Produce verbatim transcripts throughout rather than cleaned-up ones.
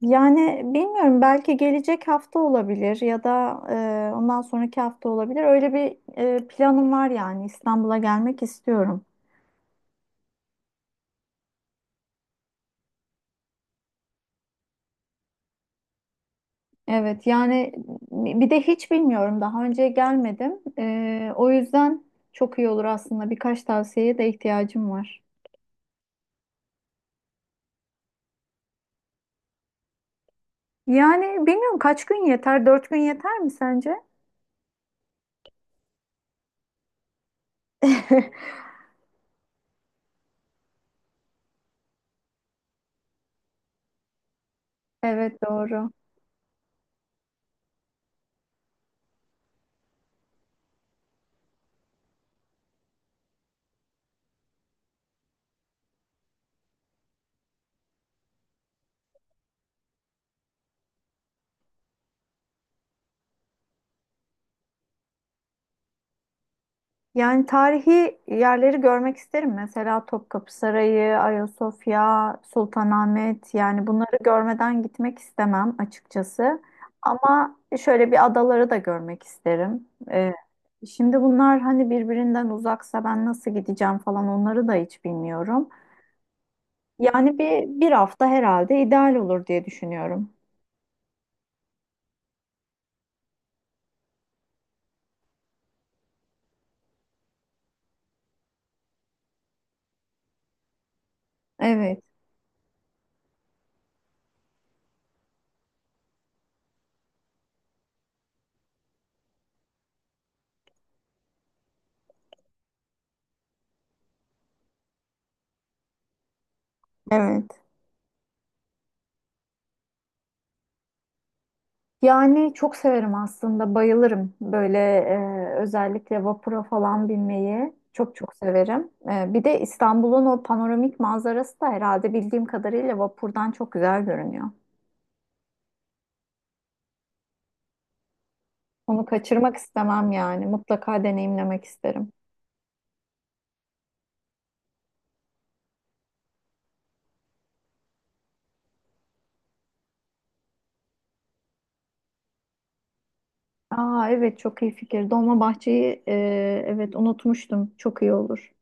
Yani bilmiyorum belki gelecek hafta olabilir ya da e, ondan sonraki hafta olabilir. Öyle bir e, planım var yani İstanbul'a gelmek istiyorum. Evet yani bir de hiç bilmiyorum daha önce gelmedim. E, o yüzden çok iyi olur aslında birkaç tavsiyeye de ihtiyacım var. Yani bilmiyorum kaç gün yeter? Dört gün yeter mi sence? Evet doğru. Yani tarihi yerleri görmek isterim. Mesela Topkapı Sarayı, Ayasofya, Sultanahmet. Yani bunları görmeden gitmek istemem açıkçası. Ama şöyle bir adaları da görmek isterim. Ee, şimdi bunlar hani birbirinden uzaksa ben nasıl gideceğim falan onları da hiç bilmiyorum. Yani bir, bir hafta herhalde ideal olur diye düşünüyorum. Evet, evet. Yani çok severim aslında, bayılırım böyle e, özellikle vapura falan binmeyi çok çok severim. E, bir de İstanbul'un o panoramik manzarası da herhalde bildiğim kadarıyla vapurdan çok güzel görünüyor. Onu kaçırmak istemem yani, mutlaka deneyimlemek isterim. Aa evet, çok iyi fikir. Dolmabahçe'yi, e, evet, unutmuştum. Çok iyi olur.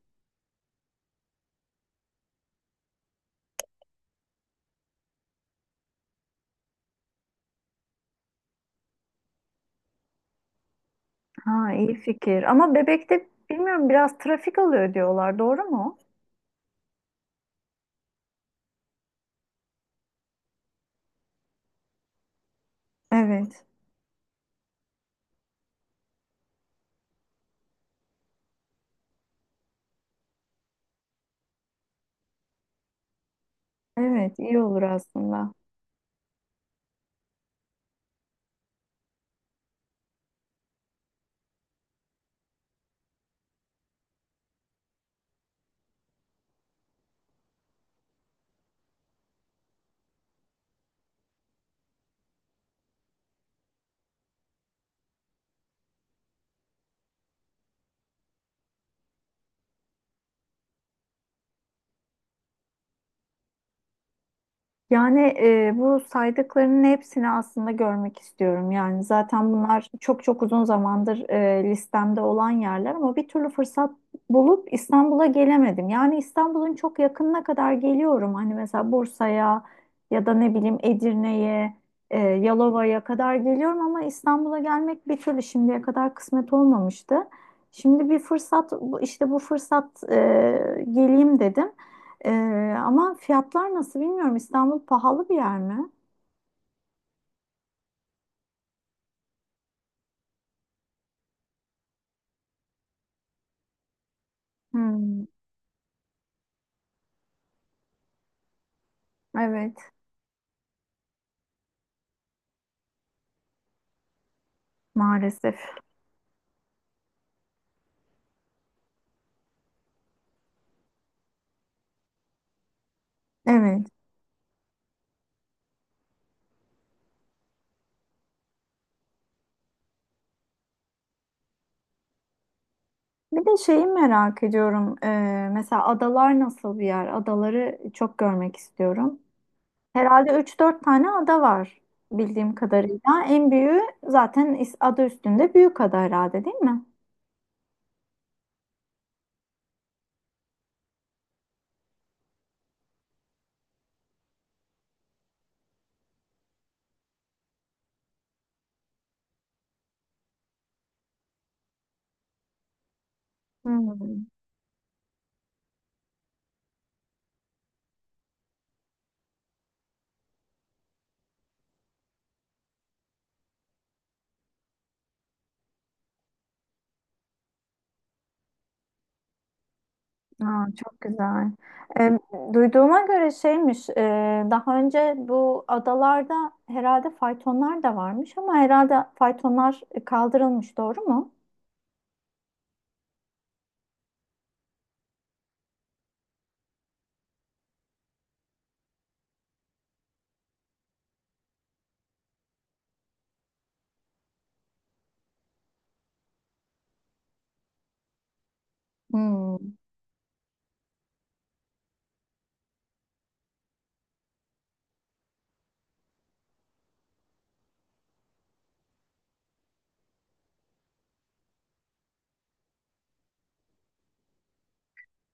Ha, iyi fikir. Ama Bebek'te bilmiyorum, biraz trafik oluyor diyorlar. Doğru mu? Evet. Evet, iyi olur aslında. Yani e, bu saydıklarının hepsini aslında görmek istiyorum. Yani zaten bunlar çok çok uzun zamandır e, listemde olan yerler ama bir türlü fırsat bulup İstanbul'a gelemedim. Yani İstanbul'un çok yakınına kadar geliyorum. Hani mesela Bursa'ya ya da ne bileyim Edirne'ye, e, Yalova'ya kadar geliyorum ama İstanbul'a gelmek bir türlü şimdiye kadar kısmet olmamıştı. Şimdi bir fırsat, bu- işte bu fırsat e, geleyim dedim. Ee, ama fiyatlar nasıl bilmiyorum. İstanbul pahalı bir yer mi? Hmm, evet, maalesef. Evet. Bir de şeyi merak ediyorum. Ee, mesela adalar nasıl bir yer? Adaları çok görmek istiyorum. Herhalde üç dört tane ada var bildiğim kadarıyla. En büyüğü zaten is- adı üstünde büyük ada herhalde, değil mi? Hmm. Aa, çok güzel. Em, duyduğuma göre şeymiş, e, daha önce bu adalarda herhalde faytonlar da varmış ama herhalde faytonlar kaldırılmış, doğru mu? Hmm.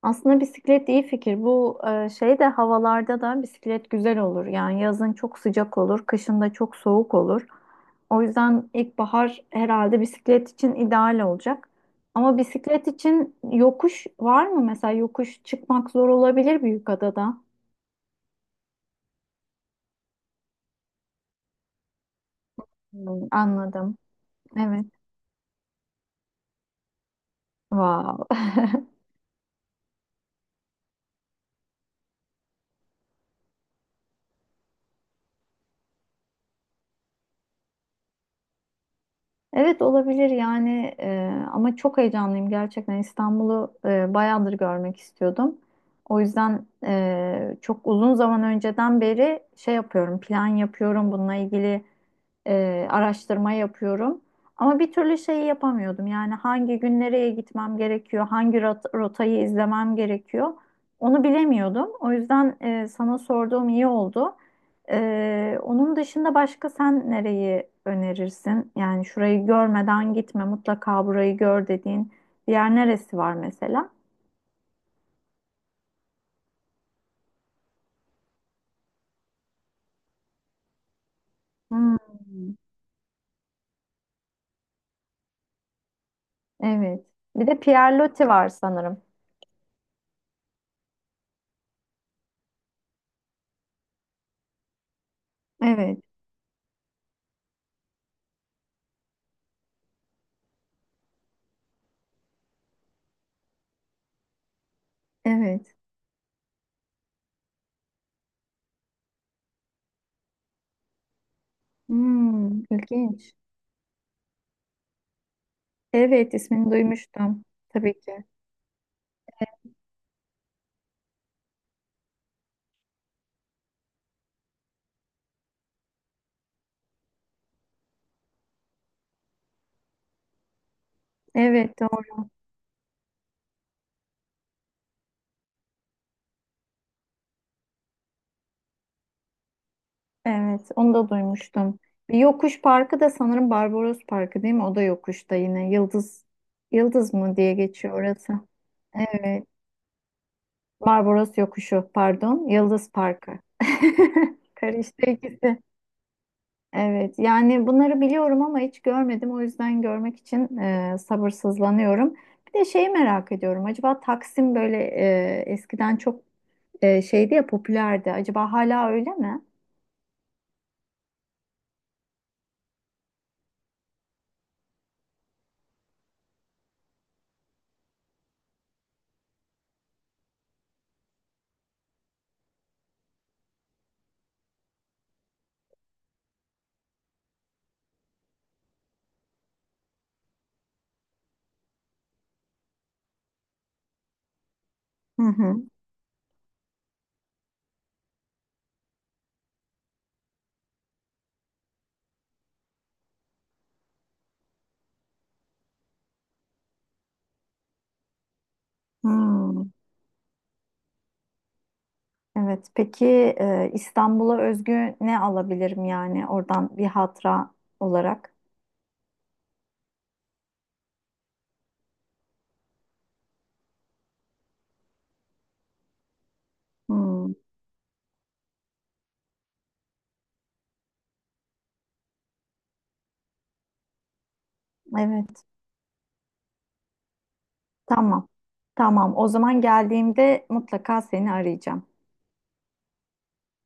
Aslında bisiklet iyi fikir. Bu e, şey de havalarda da bisiklet güzel olur. Yani yazın çok sıcak olur, kışın da çok soğuk olur. O yüzden ilkbahar herhalde bisiklet için ideal olacak. Ama bisiklet için yokuş var mı? Mesela yokuş çıkmak zor olabilir büyük adada. Hmm, anladım. Evet. Wow. Evet, olabilir yani, e, ama çok heyecanlıyım, gerçekten İstanbul'u e, bayağıdır görmek istiyordum. O yüzden e, çok uzun zaman önceden beri şey yapıyorum, plan yapıyorum bununla ilgili e, araştırma yapıyorum. Ama bir türlü şeyi yapamıyordum. Yani hangi gün nereye gitmem gerekiyor, hangi rot- rotayı izlemem gerekiyor, onu bilemiyordum. O yüzden e, sana sorduğum iyi oldu. E, onun dışında başka sen nereyi önerirsin? Yani şurayı görmeden gitme, mutlaka burayı gör dediğin bir yer neresi var mesela? Hmm, evet. Bir de Pierre Loti var sanırım. Evet, evet. Hmm, ilginç. Evet, ismini duymuştum. Tabii ki. Evet, doğru. Evet, onu da duymuştum. Bir yokuş parkı da sanırım Barbaros Parkı değil mi? O da yokuşta yine. Yıldız Yıldız mı diye geçiyor orası. Evet. Barbaros Yokuşu, pardon. Yıldız Parkı. Karıştı ikisi. Evet, yani bunları biliyorum ama hiç görmedim. O yüzden görmek için e, sabırsızlanıyorum. Bir de şeyi merak ediyorum. Acaba Taksim böyle e, eskiden çok e, şeydi ya, popülerdi. Acaba hala öyle mi? Hı hı. Hmm. Evet. Peki e, İstanbul'a özgü ne alabilirim yani oradan bir hatıra olarak? Hmm. Evet. Tamam. Tamam. O zaman geldiğimde mutlaka seni arayacağım.